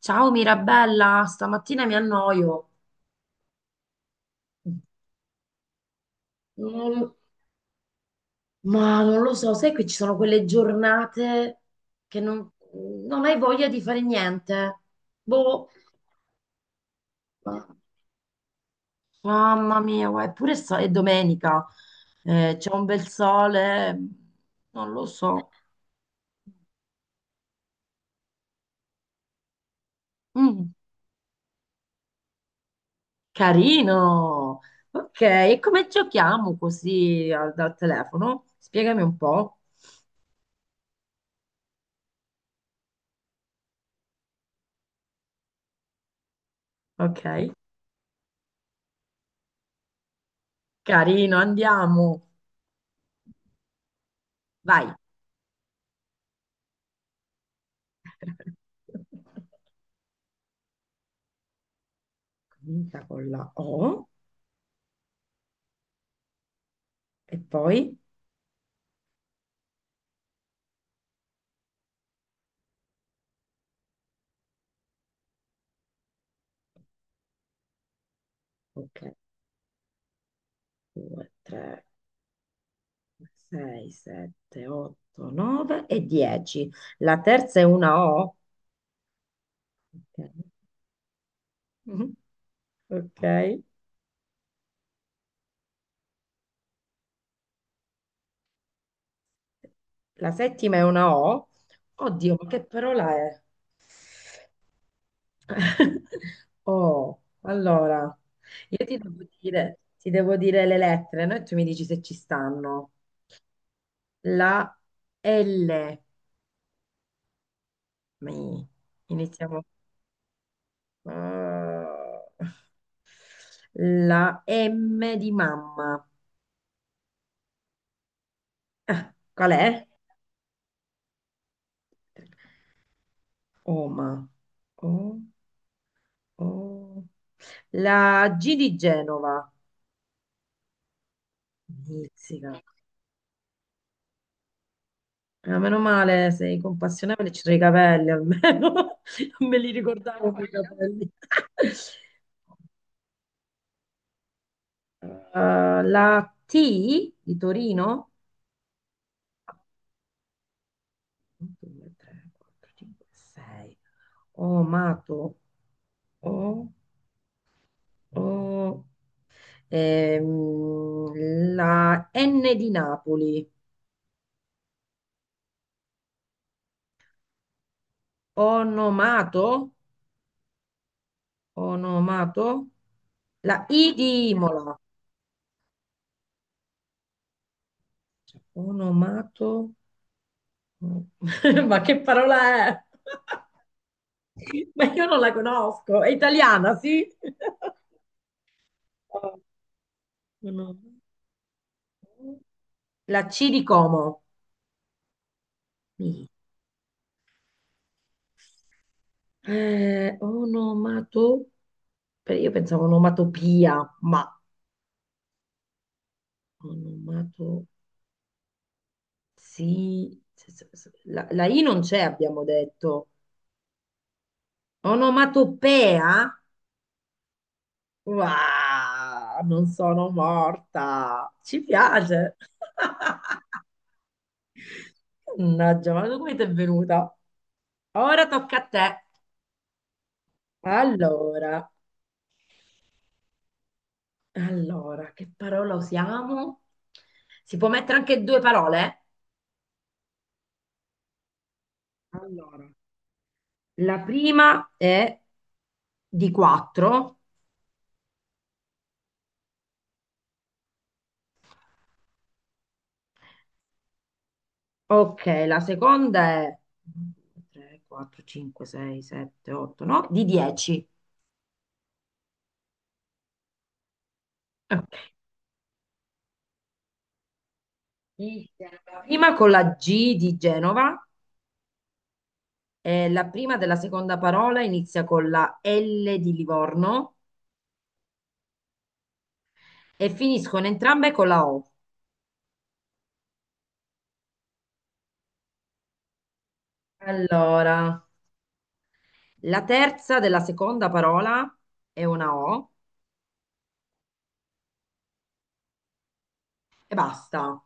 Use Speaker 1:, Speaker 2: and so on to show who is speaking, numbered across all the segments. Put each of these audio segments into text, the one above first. Speaker 1: Ciao Mirabella, stamattina mi annoio. Non- ma non lo so, sai che ci sono quelle giornate che non hai voglia di fare niente. Boh, ma- mamma mia, guarda, eppure è domenica, c'è un bel sole, non lo so. Mm, carino. Ok, e come giochiamo così dal telefono? Spiegami un po'. Ok, carino, andiamo. Vai. Comincia con la O e poi, ok, 2, 3, 6, 7, 8, 9 e 10. La terza è una O. Ok. Mhm. Ok. La settima è una O. Oddio, ma che parola è? Oh, allora, io ti devo dire le lettere, no? E tu mi dici se ci stanno. La L. Mi. Iniziamo. Ah, la M di mamma. Qual è? Oma. O, o. La G di Genova. Mizzica. Ah, meno male, sei compassionevole, ci sono i capelli almeno. Non me li ricordavo quei capelli. Eh, la T di Torino. 1, 2, 3, 4, 5, 6. Omato. O, o. La N di Napoli, onomato, onomato, la I di Imola, cioè, onomato, ma che parola è? Ma io non la conosco, è italiana, sì? No. La C di Como. Mi. Onomato, beh, io pensavo onomatopia, ma onomato. Sì, la I non c'è, abbiamo detto. Onomatopea? Wow, non sono morta. Ci piace. Mannaggia, ma come ti è venuta? Ora tocca a te. Allora, allora, che parola usiamo? Si può mettere anche due parole? Allora, la prima è di quattro. Ok, la seconda è 3, 4, 5, 6, 7, 8, 9, di 10. Ok. Di Genova. Prima con la G di Genova, la prima della seconda parola inizia con la L di Livorno e finiscono entrambe con la O. Allora, la terza della seconda parola è una O e basta.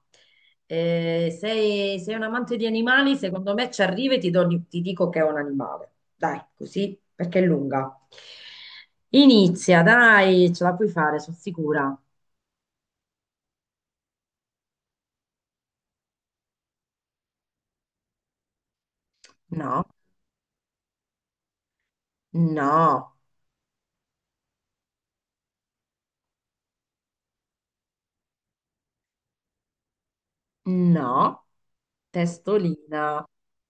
Speaker 1: Sei un amante di animali, secondo me ci arrivi e ti dico che è un animale. Dai, così, perché è lunga. Inizia, dai, ce la puoi fare, sono sicura. No, no, no, testolina,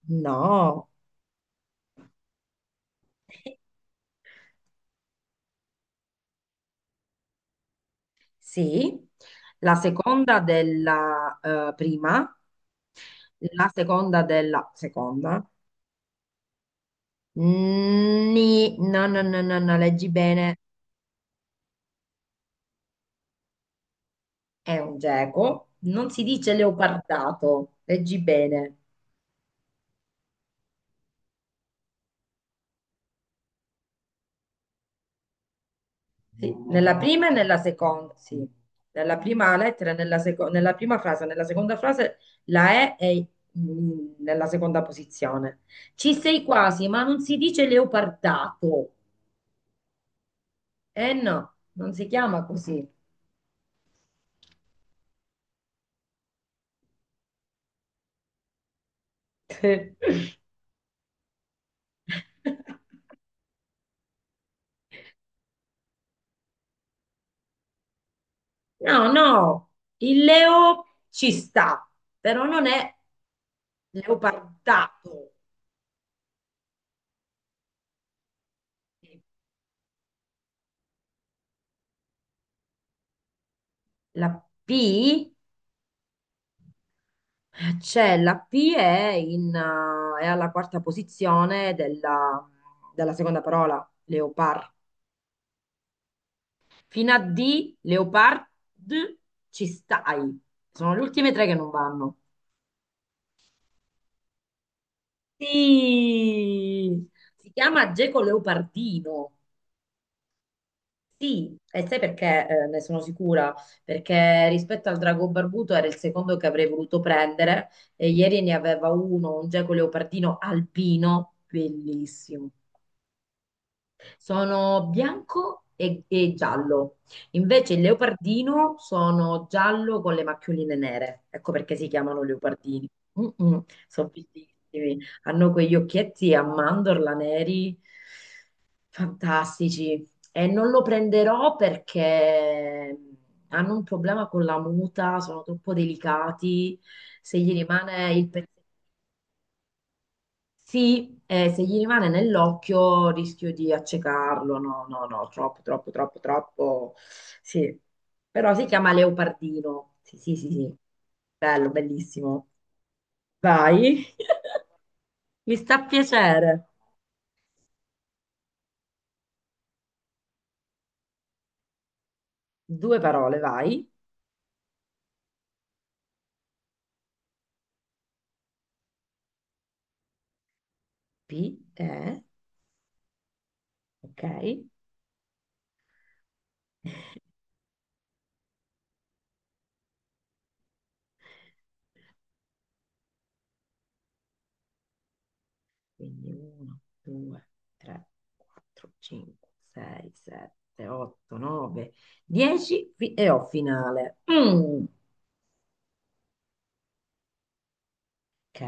Speaker 1: no. Sì, la seconda della prima, la seconda della seconda. No, no, no, no, no, leggi bene. È un geco, non si dice leopardato, leggi bene. Sì, nella prima e nella seconda, sì. Nella prima lettera, e nella prima frase, nella seconda frase la E nella seconda posizione. Ci sei quasi, ma non si dice leopardato. Eh no, non si chiama così. No, no, il leo ci sta, però non è leopardato. La P. C'è la P è alla quarta posizione della seconda parola, leopard. Fino a D, leopard, ci stai. Sono le ultime tre che non vanno. Sì, si chiama geco leopardino. Sì, e sai perché ne sono sicura? Perché rispetto al drago barbuto era il secondo che avrei voluto prendere e ieri ne aveva uno, un geco leopardino alpino, bellissimo. Sono bianco e giallo. Invece il leopardino sono giallo con le macchioline nere. Ecco perché si chiamano leopardini. Mm-mm, sono bellissimi. Hanno quegli occhietti a mandorla neri, fantastici. E non lo prenderò perché hanno un problema con la muta, sono troppo delicati. Se gli rimane il pezzettino sì, se gli rimane nell'occhio rischio di accecarlo, no, no, no, troppo, troppo, troppo, troppo, sì. Però si chiama leopardino, sì, sì, sì, sì, bello, bellissimo. Vai, mi sta a piacere. Due parole, vai. P, E, ok. Quindi 1, 2, 3, 4, 5, 6, 7, 8, 9, 10 e ho finale. Mm, ok.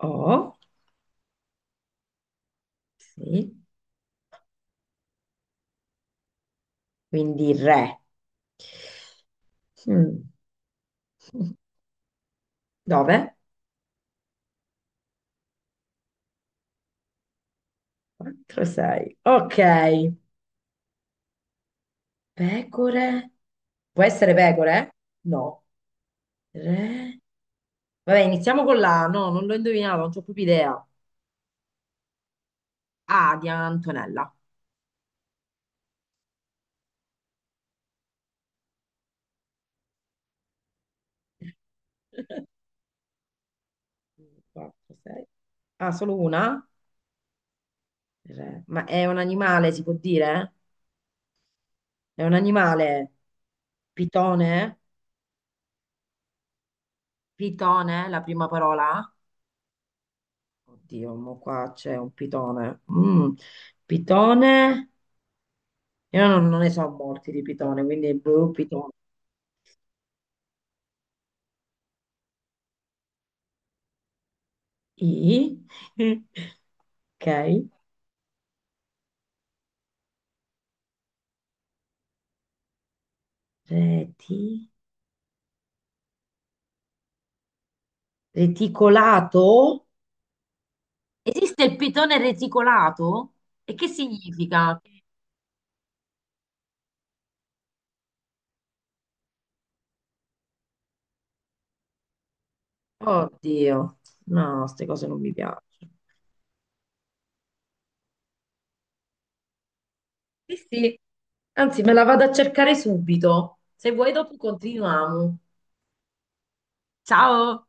Speaker 1: O. Sì, quindi re. Mm. 9, 4, 6. Ok, pecore. Può essere pecore? No. Re. Vabbè, iniziamo con la A. No, non l'ho indovinato, non ho proprio idea. A di Antonella. 4, 6. Ah, solo una? Re. Ma è un animale, si può dire? È un animale. Pitone? Pitone, la prima parola? Oddio, mo qua c'è un pitone. Mm. Pitone. Io non ne so molti di Pitone, quindi boh, Pitone. I. Ok. Reti. Reticolato? Esiste il pitone reticolato? E che significa? Oddio. No, queste cose non mi piacciono. Sì, sì. Anzi, me la vado a cercare subito. Se vuoi, dopo continuiamo. Ciao!